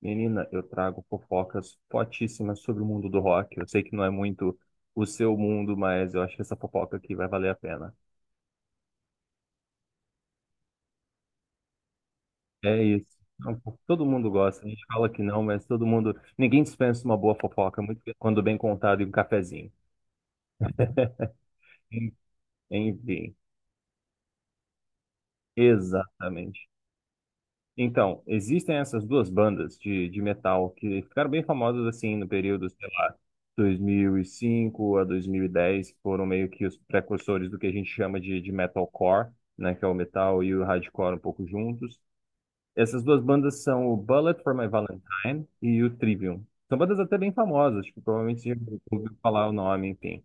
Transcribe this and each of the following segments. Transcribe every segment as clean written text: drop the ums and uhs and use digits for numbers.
Menina, eu trago fofocas fortíssimas sobre o mundo do rock. Eu sei que não é muito o seu mundo, mas eu acho que essa fofoca aqui vai valer a pena. É isso. Não, todo mundo gosta. A gente fala que não, mas todo mundo. Ninguém dispensa uma boa fofoca, muito quando bem contado e um cafezinho. Enfim, exatamente. Então, existem essas duas bandas de metal que ficaram bem famosas assim no período, sei lá, 2005 a 2010, que foram meio que os precursores do que a gente chama de metalcore, né, que é o metal e o hardcore um pouco juntos. Essas duas bandas são o Bullet for My Valentine e o Trivium. São bandas até bem famosas, tipo, provavelmente você já ouviu falar o nome, enfim.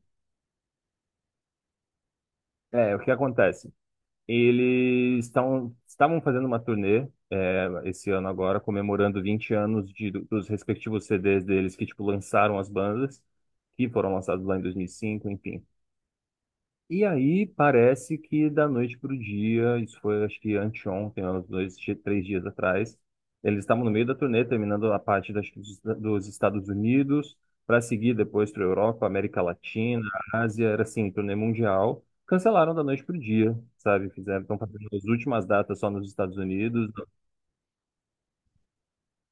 É, o que acontece? Eles estavam fazendo uma turnê esse ano agora, comemorando 20 anos dos respectivos CDs deles que, tipo, lançaram as bandas, que foram lançados lá em 2005, enfim. E aí parece que da noite para o dia, isso foi acho que anteontem, uns 2, 3 dias atrás, eles estavam no meio da turnê, terminando a parte das, dos dos Estados Unidos, para seguir depois para a Europa, América Latina, Ásia, era assim, turnê mundial. Cancelaram da noite para o dia, sabe? Fizeram, estão fazendo as últimas datas só nos Estados Unidos,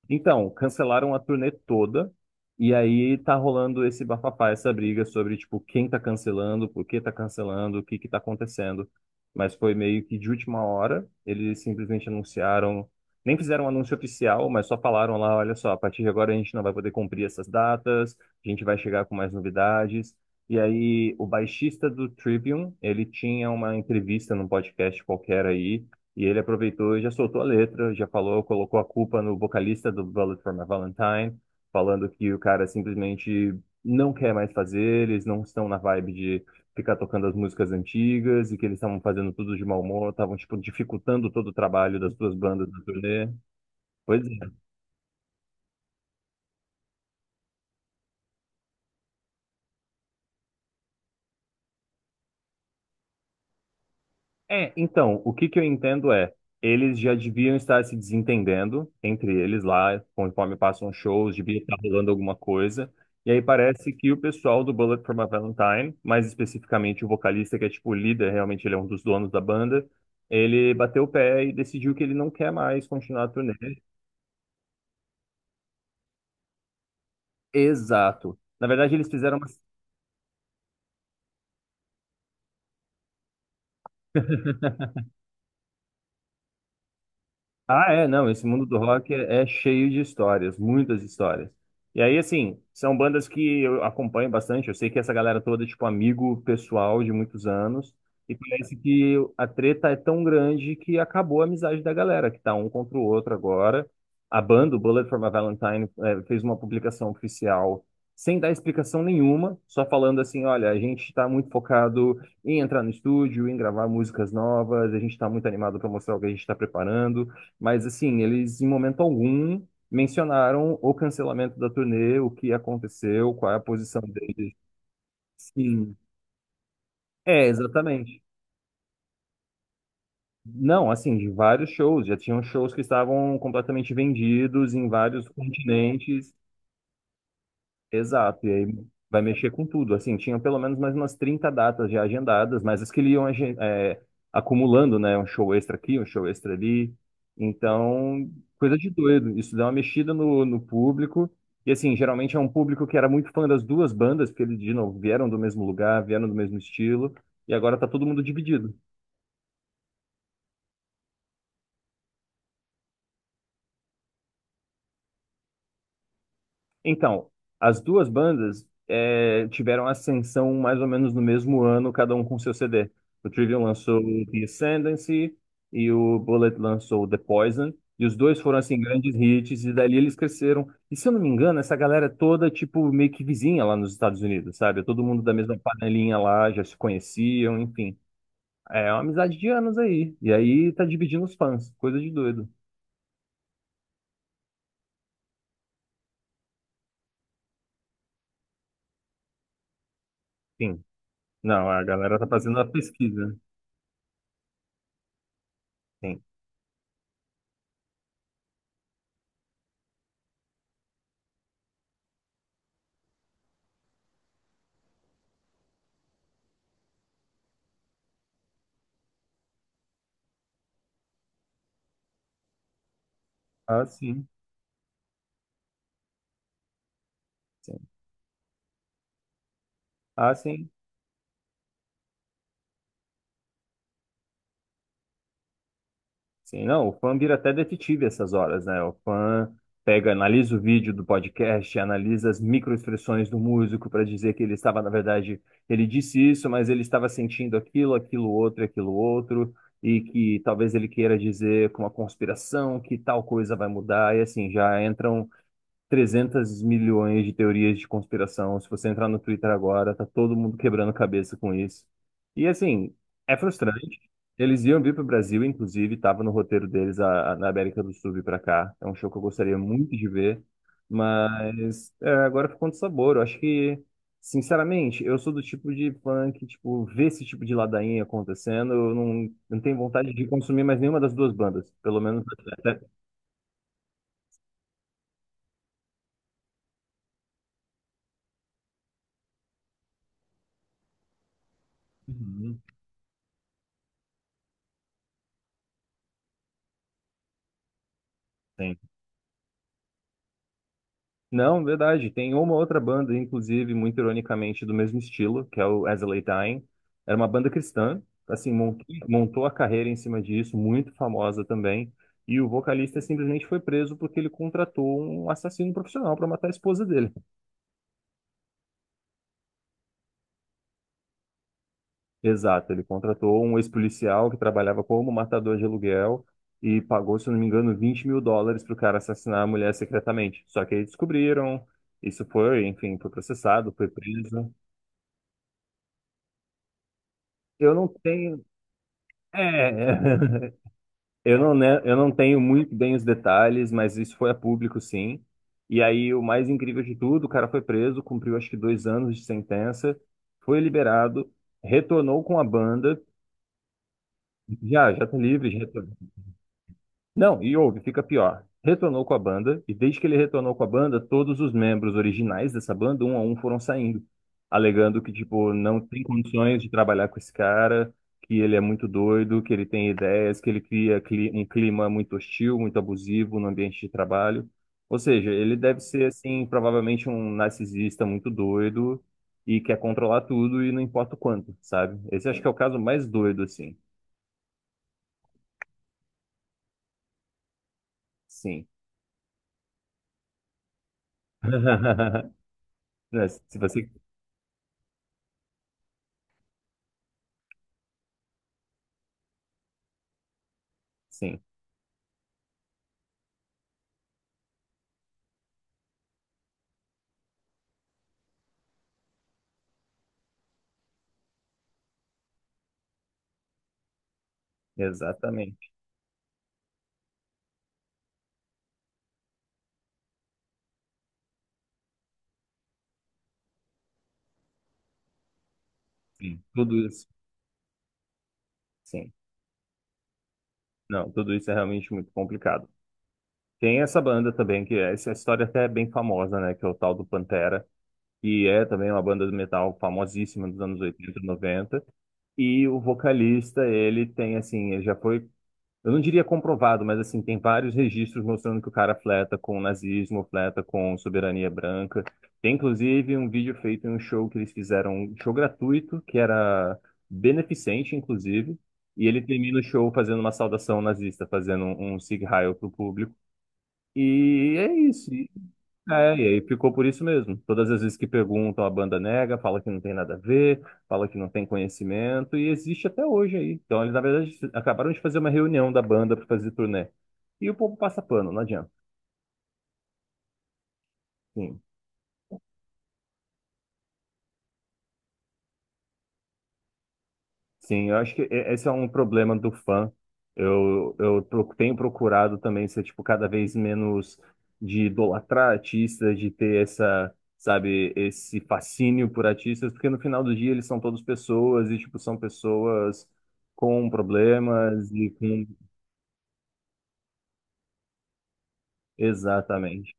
então, cancelaram a turnê toda, e aí tá rolando esse bafafá, essa briga sobre, tipo, quem tá cancelando, por que tá cancelando, o que que tá acontecendo. Mas foi meio que de última hora, eles simplesmente anunciaram, nem fizeram um anúncio oficial, mas só falaram lá, olha só, a partir de agora a gente não vai poder cumprir essas datas, a gente vai chegar com mais novidades. E aí, o baixista do Trivium, ele tinha uma entrevista num podcast qualquer aí, e ele aproveitou e já soltou a letra, já falou, colocou a culpa no vocalista do Bullet for My Valentine, falando que o cara simplesmente não quer mais fazer, eles não estão na vibe de ficar tocando as músicas antigas e que eles estavam fazendo tudo de mau humor, estavam tipo dificultando todo o trabalho das duas bandas da turnê. Pois é. É, então, o que que eu entendo é, eles já deviam estar se desentendendo entre eles lá, conforme passam os shows, devia estar rolando alguma coisa. E aí parece que o pessoal do Bullet for My Valentine, mais especificamente o vocalista, que é tipo o líder, realmente ele é um dos donos da banda, ele bateu o pé e decidiu que ele não quer mais continuar a turnê. Exato. Na verdade, eles fizeram uma. Ah, é, não, esse mundo do rock é cheio de histórias, muitas histórias. E aí, assim, são bandas que eu acompanho bastante, eu sei que essa galera toda é, tipo, amigo pessoal de muitos anos, e parece que a treta é tão grande que acabou a amizade da galera, que tá um contra o outro agora. A banda, o Bullet for My Valentine, fez uma publicação oficial sem dar explicação nenhuma, só falando assim, olha, a gente tá muito focado em entrar no estúdio, em gravar músicas novas, a gente tá muito animado para mostrar o que a gente tá preparando, mas assim, eles em momento algum mencionaram o cancelamento da turnê, o que aconteceu, qual é a posição deles. Sim. É, exatamente. Não, assim, de vários shows, já tinham shows que estavam completamente vendidos em vários continentes. Exato, e aí vai mexer com tudo. Assim, tinham pelo menos mais umas 30 datas já agendadas, mas as que ele iam acumulando, né? Um show extra aqui, um show extra ali. Então, coisa de doido. Isso dá uma mexida no público. E assim, geralmente é um público que era muito fã das duas bandas, porque eles, de novo, vieram do mesmo lugar, vieram do mesmo estilo, e agora tá todo mundo dividido. Então, as duas bandas tiveram ascensão mais ou menos no mesmo ano, cada um com seu CD. O Trivium lançou o The Ascendancy e o Bullet lançou o The Poison. E os dois foram, assim, grandes hits, e dali eles cresceram. E se eu não me engano, essa galera é toda, tipo, meio que vizinha lá nos Estados Unidos, sabe? Todo mundo da mesma panelinha lá, já se conheciam, enfim. É uma amizade de anos aí. E aí tá dividindo os fãs, coisa de doido. Sim. Não, a galera tá fazendo a pesquisa. Sim. Ah, sim. Ah, sim. Sim, não, o fã vira até detetive essas horas, né? O fã pega, analisa o vídeo do podcast, analisa as microexpressões do músico para dizer que ele estava, na verdade, ele disse isso, mas ele estava sentindo aquilo, aquilo outro, e que talvez ele queira dizer com uma conspiração que tal coisa vai mudar, e assim, já entram 300 milhões de teorias de conspiração. Se você entrar no Twitter agora, tá todo mundo quebrando cabeça com isso. E assim, é frustrante. Eles iam vir para o Brasil, inclusive, estava no roteiro deles a, na América do Sul vir para cá. É um show que eu gostaria muito de ver, mas é, agora ficou com sabor. Eu acho que, sinceramente, eu sou do tipo de fã que, tipo, vê esse tipo de ladainha acontecendo, eu não, não tenho vontade de consumir mais nenhuma das duas bandas, pelo menos até. Uhum. Sim. Não, verdade. Tem uma outra banda, inclusive, muito ironicamente, do mesmo estilo, que é o As I Lay Dying. Era uma banda cristã, assim, montou a carreira em cima disso, muito famosa também. E o vocalista simplesmente foi preso porque ele contratou um assassino profissional para matar a esposa dele. Exato, ele contratou um ex-policial que trabalhava como matador de aluguel e pagou, se eu não me engano, 20 mil dólares para o cara assassinar a mulher secretamente. Só que aí descobriram, isso foi, enfim, foi processado, foi preso. Eu não tenho. É, eu não, né, eu não tenho muito bem os detalhes, mas isso foi a público, sim. E aí, o mais incrível de tudo, o cara foi preso, cumpriu acho que 2 anos de sentença, foi liberado, retornou com a banda, já, já tá livre. Não, e ouve, fica pior. Retornou com a banda, e desde que ele retornou com a banda, todos os membros originais dessa banda, um a um, foram saindo, alegando que, tipo, não tem condições de trabalhar com esse cara, que ele é muito doido, que ele tem ideias, que ele cria um clima muito hostil, muito abusivo no ambiente de trabalho. Ou seja, ele deve ser, assim, provavelmente um narcisista muito doido e quer controlar tudo e não importa o quanto, sabe? Esse acho que é o caso mais doido, assim. Sim. Né, se você. Sim. Exatamente. Sim. Tudo isso. Sim. Não, tudo isso é realmente muito complicado. Tem essa banda também, essa história até é bem famosa, né? Que é o tal do Pantera, que é também uma banda de metal famosíssima dos anos 80 90. E o vocalista, ele tem, assim, ele já foi. Eu não diria comprovado, mas assim, tem vários registros mostrando que o cara fleta com o nazismo, fleta com soberania branca. Tem inclusive um vídeo feito em um show que eles fizeram, um show gratuito, que era beneficente, inclusive, e ele termina o show fazendo uma saudação nazista, fazendo um Sieg Heil pro público. E é isso. É, e aí ficou por isso mesmo. Todas as vezes que perguntam, a banda nega, fala que não tem nada a ver, fala que não tem conhecimento, e existe até hoje aí. Então, eles, na verdade, acabaram de fazer uma reunião da banda para fazer turnê. E o povo passa pano, não adianta. Sim. Sim, eu acho que esse é um problema do fã. Eu tenho procurado também ser, tipo, cada vez menos de idolatrar artistas, de ter essa, sabe, esse fascínio por artistas, porque no final do dia eles são todos pessoas e, tipo, são pessoas com problemas e com... Exatamente.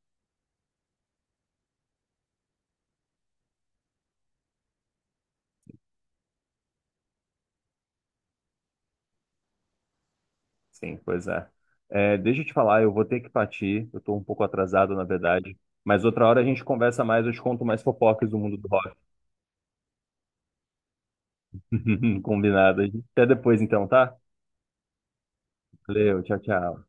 Sim, pois é. É, deixa eu te falar, eu vou ter que partir. Eu tô um pouco atrasado, na verdade. Mas outra hora a gente conversa mais, eu te conto mais fofocas do mundo do rock. Combinado. Até depois, então, tá? Valeu, tchau, tchau.